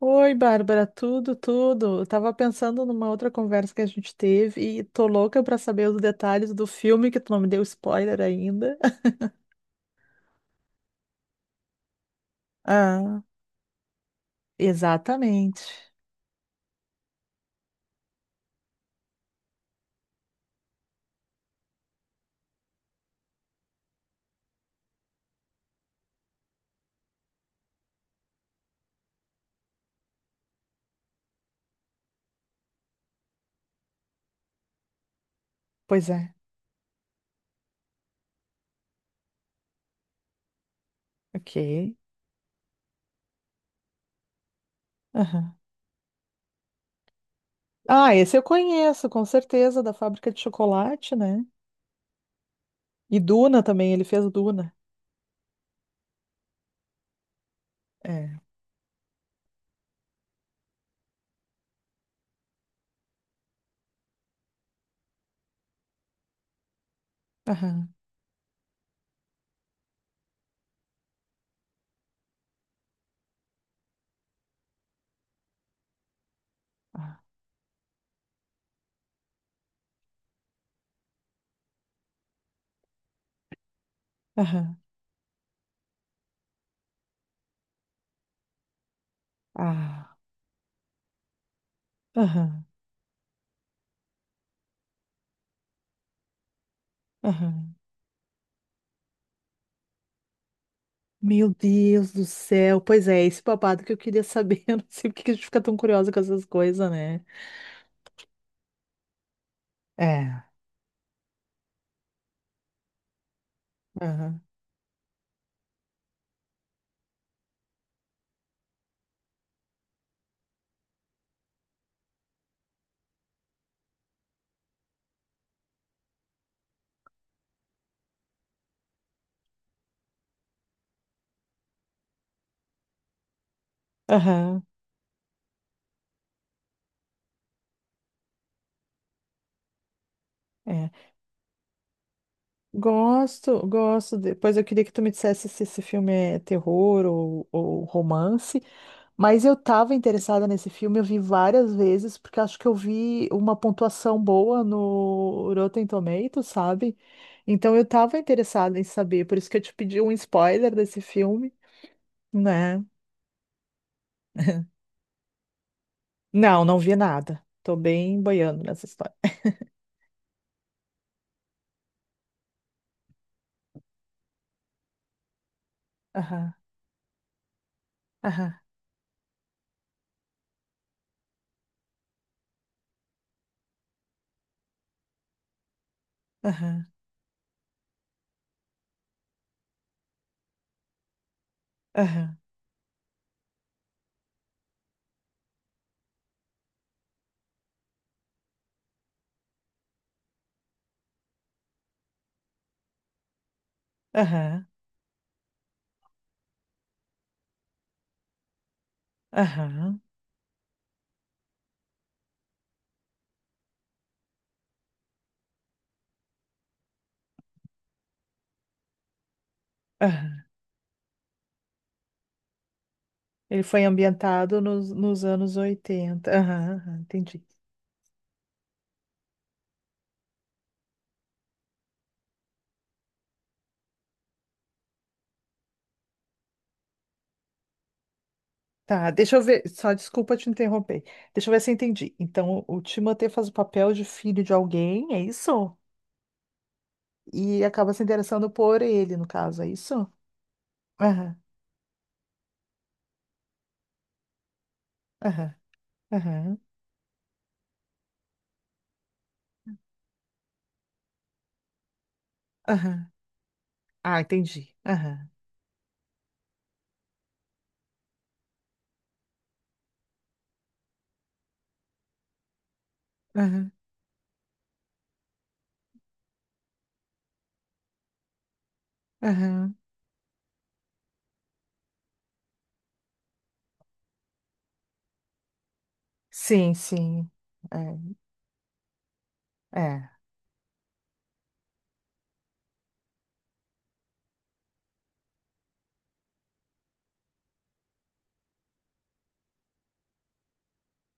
Oi, Bárbara, tudo, tudo. Eu tava pensando numa outra conversa que a gente teve e tô louca pra saber os detalhes do filme que tu não me deu spoiler ainda. Ah, exatamente. Pois é. Ok. Aham. Ah, esse eu conheço, com certeza, da fábrica de chocolate, né? E Duna também, ele fez Duna. É. Aham. Ah. Aham. Ah. Aham. Aham. Meu Deus do céu. Pois é, esse babado que eu queria saber. Eu não sei por que que a gente fica tão curiosa com essas coisas, né? É, aham, aham, é. Gosto, gosto. Depois eu queria que tu me dissesse se esse filme é terror ou romance, mas eu tava interessada nesse filme, eu vi várias vezes, porque acho que eu vi uma pontuação boa no Rotten Tomatoes, sabe? Então eu tava interessada em saber, por isso que eu te pedi um spoiler desse filme, né? Não, não vi nada. Tô bem boiando nessa história. Aham, aham, aham, aham, aham, aham. Aham. Ele foi ambientado nos anos 80. Aham, aham, entendi. Tá, deixa eu ver. Só desculpa te interromper. Deixa eu ver se eu entendi. Então, o Timothée faz o papel de filho de alguém, é isso? E acaba se interessando por ele, no caso, é isso? Aham, aham, aham, aham. Ah, entendi. Aham, aham, aham. Sim, sim. É, é.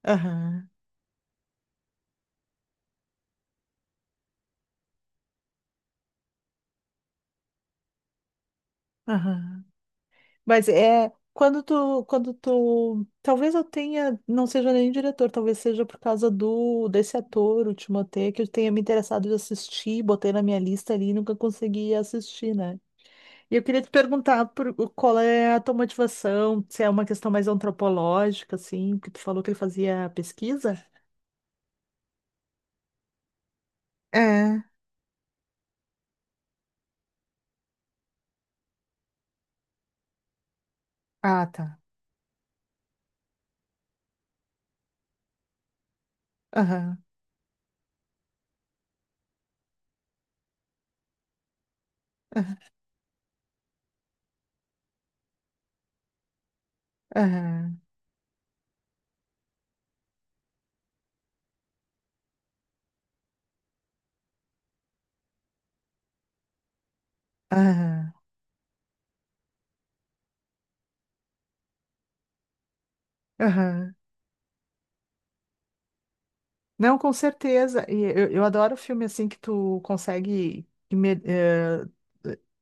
Aham, aham. Mas é quando tu, talvez eu tenha, não seja nem diretor, talvez seja por causa do desse ator, o Timothée, que eu tenha me interessado de assistir, botei na minha lista ali e nunca consegui assistir, né? E eu queria te perguntar qual é a tua motivação, se é uma questão mais antropológica, assim, que tu falou que ele fazia pesquisa? É. Ah, tá. Aham, aham, aham, aham. Não, com certeza. E eu adoro filme assim que tu consegue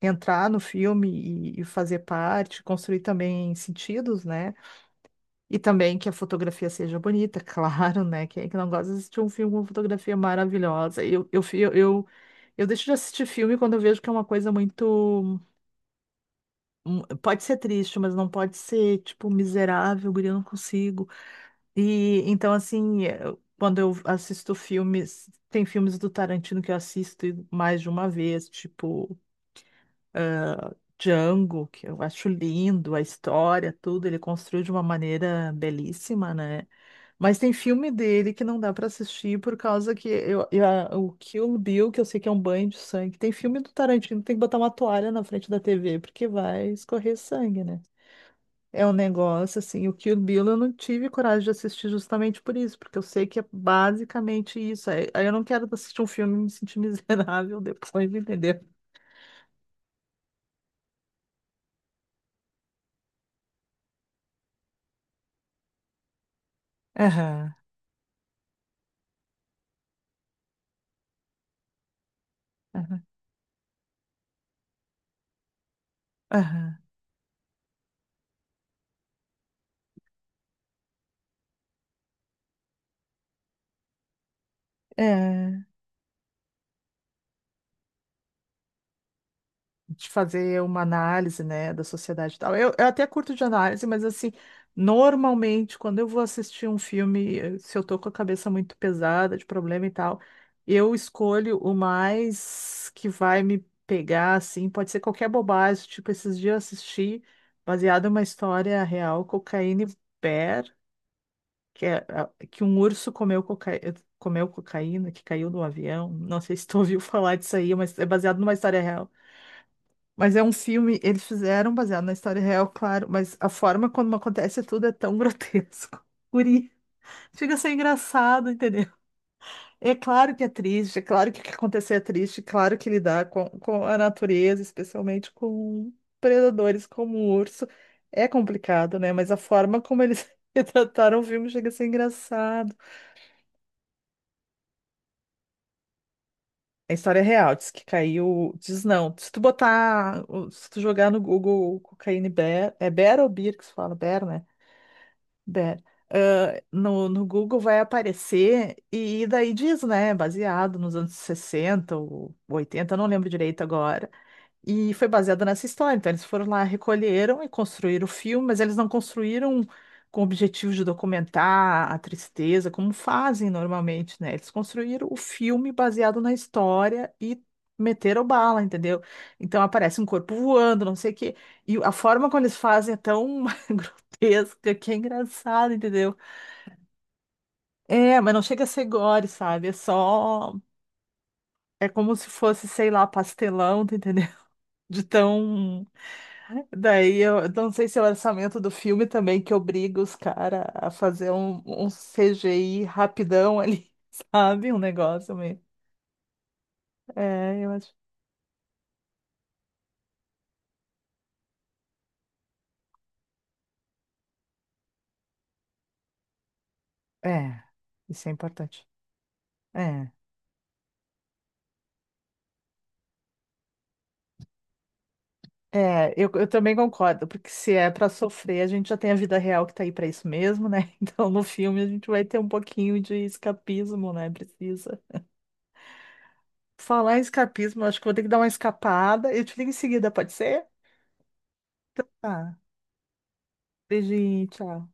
entrar no filme e fazer parte, construir também sentidos, né? E também que a fotografia seja bonita, claro, né? Quem é que não gosta de assistir um filme com fotografia maravilhosa? Eu, fi- eu deixo de assistir filme quando eu vejo que é uma coisa muito. Pode ser triste, mas não pode ser, tipo, miserável, guri, eu não consigo. E então, assim, quando eu assisto filmes, tem filmes do Tarantino que eu assisto e mais de uma vez, tipo Django, que eu acho lindo, a história, tudo, ele construiu de uma maneira belíssima, né? Mas tem filme dele que não dá para assistir por causa que o Kill Bill, que eu sei que é um banho de sangue, tem filme do Tarantino que tem que botar uma toalha na frente da TV porque vai escorrer sangue, né? É um negócio assim, o Kill Bill eu não tive coragem de assistir justamente por isso, porque eu sei que é basicamente isso. Aí eu não quero assistir um filme e me sentir miserável depois, entendeu? Aham, aham, aham. De fazer uma análise, né, da sociedade e tal. Eu até curto de análise, mas assim, normalmente, quando eu vou assistir um filme, se eu tô com a cabeça muito pesada, de problema e tal, eu escolho o mais que vai me pegar, assim, pode ser qualquer bobagem, tipo, esses dias eu assisti, baseado em uma história real, Cocaine Bear, que é que um urso comeu cocaína, que caiu do avião. Não sei se tu ouviu falar disso aí, mas é baseado numa história real. Mas é um filme, eles fizeram baseado na história real, claro, mas a forma como acontece tudo é tão grotesco. Guri, chega a ser engraçado, entendeu? É claro que é triste, é claro que o que acontecer é triste, é claro que lidar com a natureza, especialmente com predadores como o urso, é complicado, né? Mas a forma como eles retrataram o filme chega a ser engraçado. A história é real, diz que caiu. Diz não. Se tu botar. Se tu jogar no Google cocaína e Bear. É Bear ou Beer que se fala? Bear, né? Dé, ah, no Google vai aparecer e daí diz, né? Baseado nos anos 60 ou 80, eu não lembro direito agora. E foi baseada nessa história. Então, eles foram lá, recolheram e construíram o filme, mas eles não construíram com o objetivo de documentar a tristeza, como fazem normalmente, né? Eles construíram o filme baseado na história e meteram bala, entendeu? Então, aparece um corpo voando, não sei o quê. E a forma como eles fazem é tão grotesca que é engraçado, entendeu? É, mas não chega a ser gore, sabe? É só. É como se fosse, sei lá, pastelão, tá entendendo? De tão Daí eu não sei se é o orçamento do filme também que obriga os caras a fazer um CGI rapidão ali, sabe? Um negócio meio. É, eu acho. É, isso é importante. É. É, eu também concordo, porque se é pra sofrer, a gente já tem a vida real que tá aí pra isso mesmo, né? Então no filme a gente vai ter um pouquinho de escapismo, né? Precisa. Falar em escapismo, eu acho que vou ter que dar uma escapada. Eu te ligo em seguida, pode ser? Então tá. Beijinho, tchau.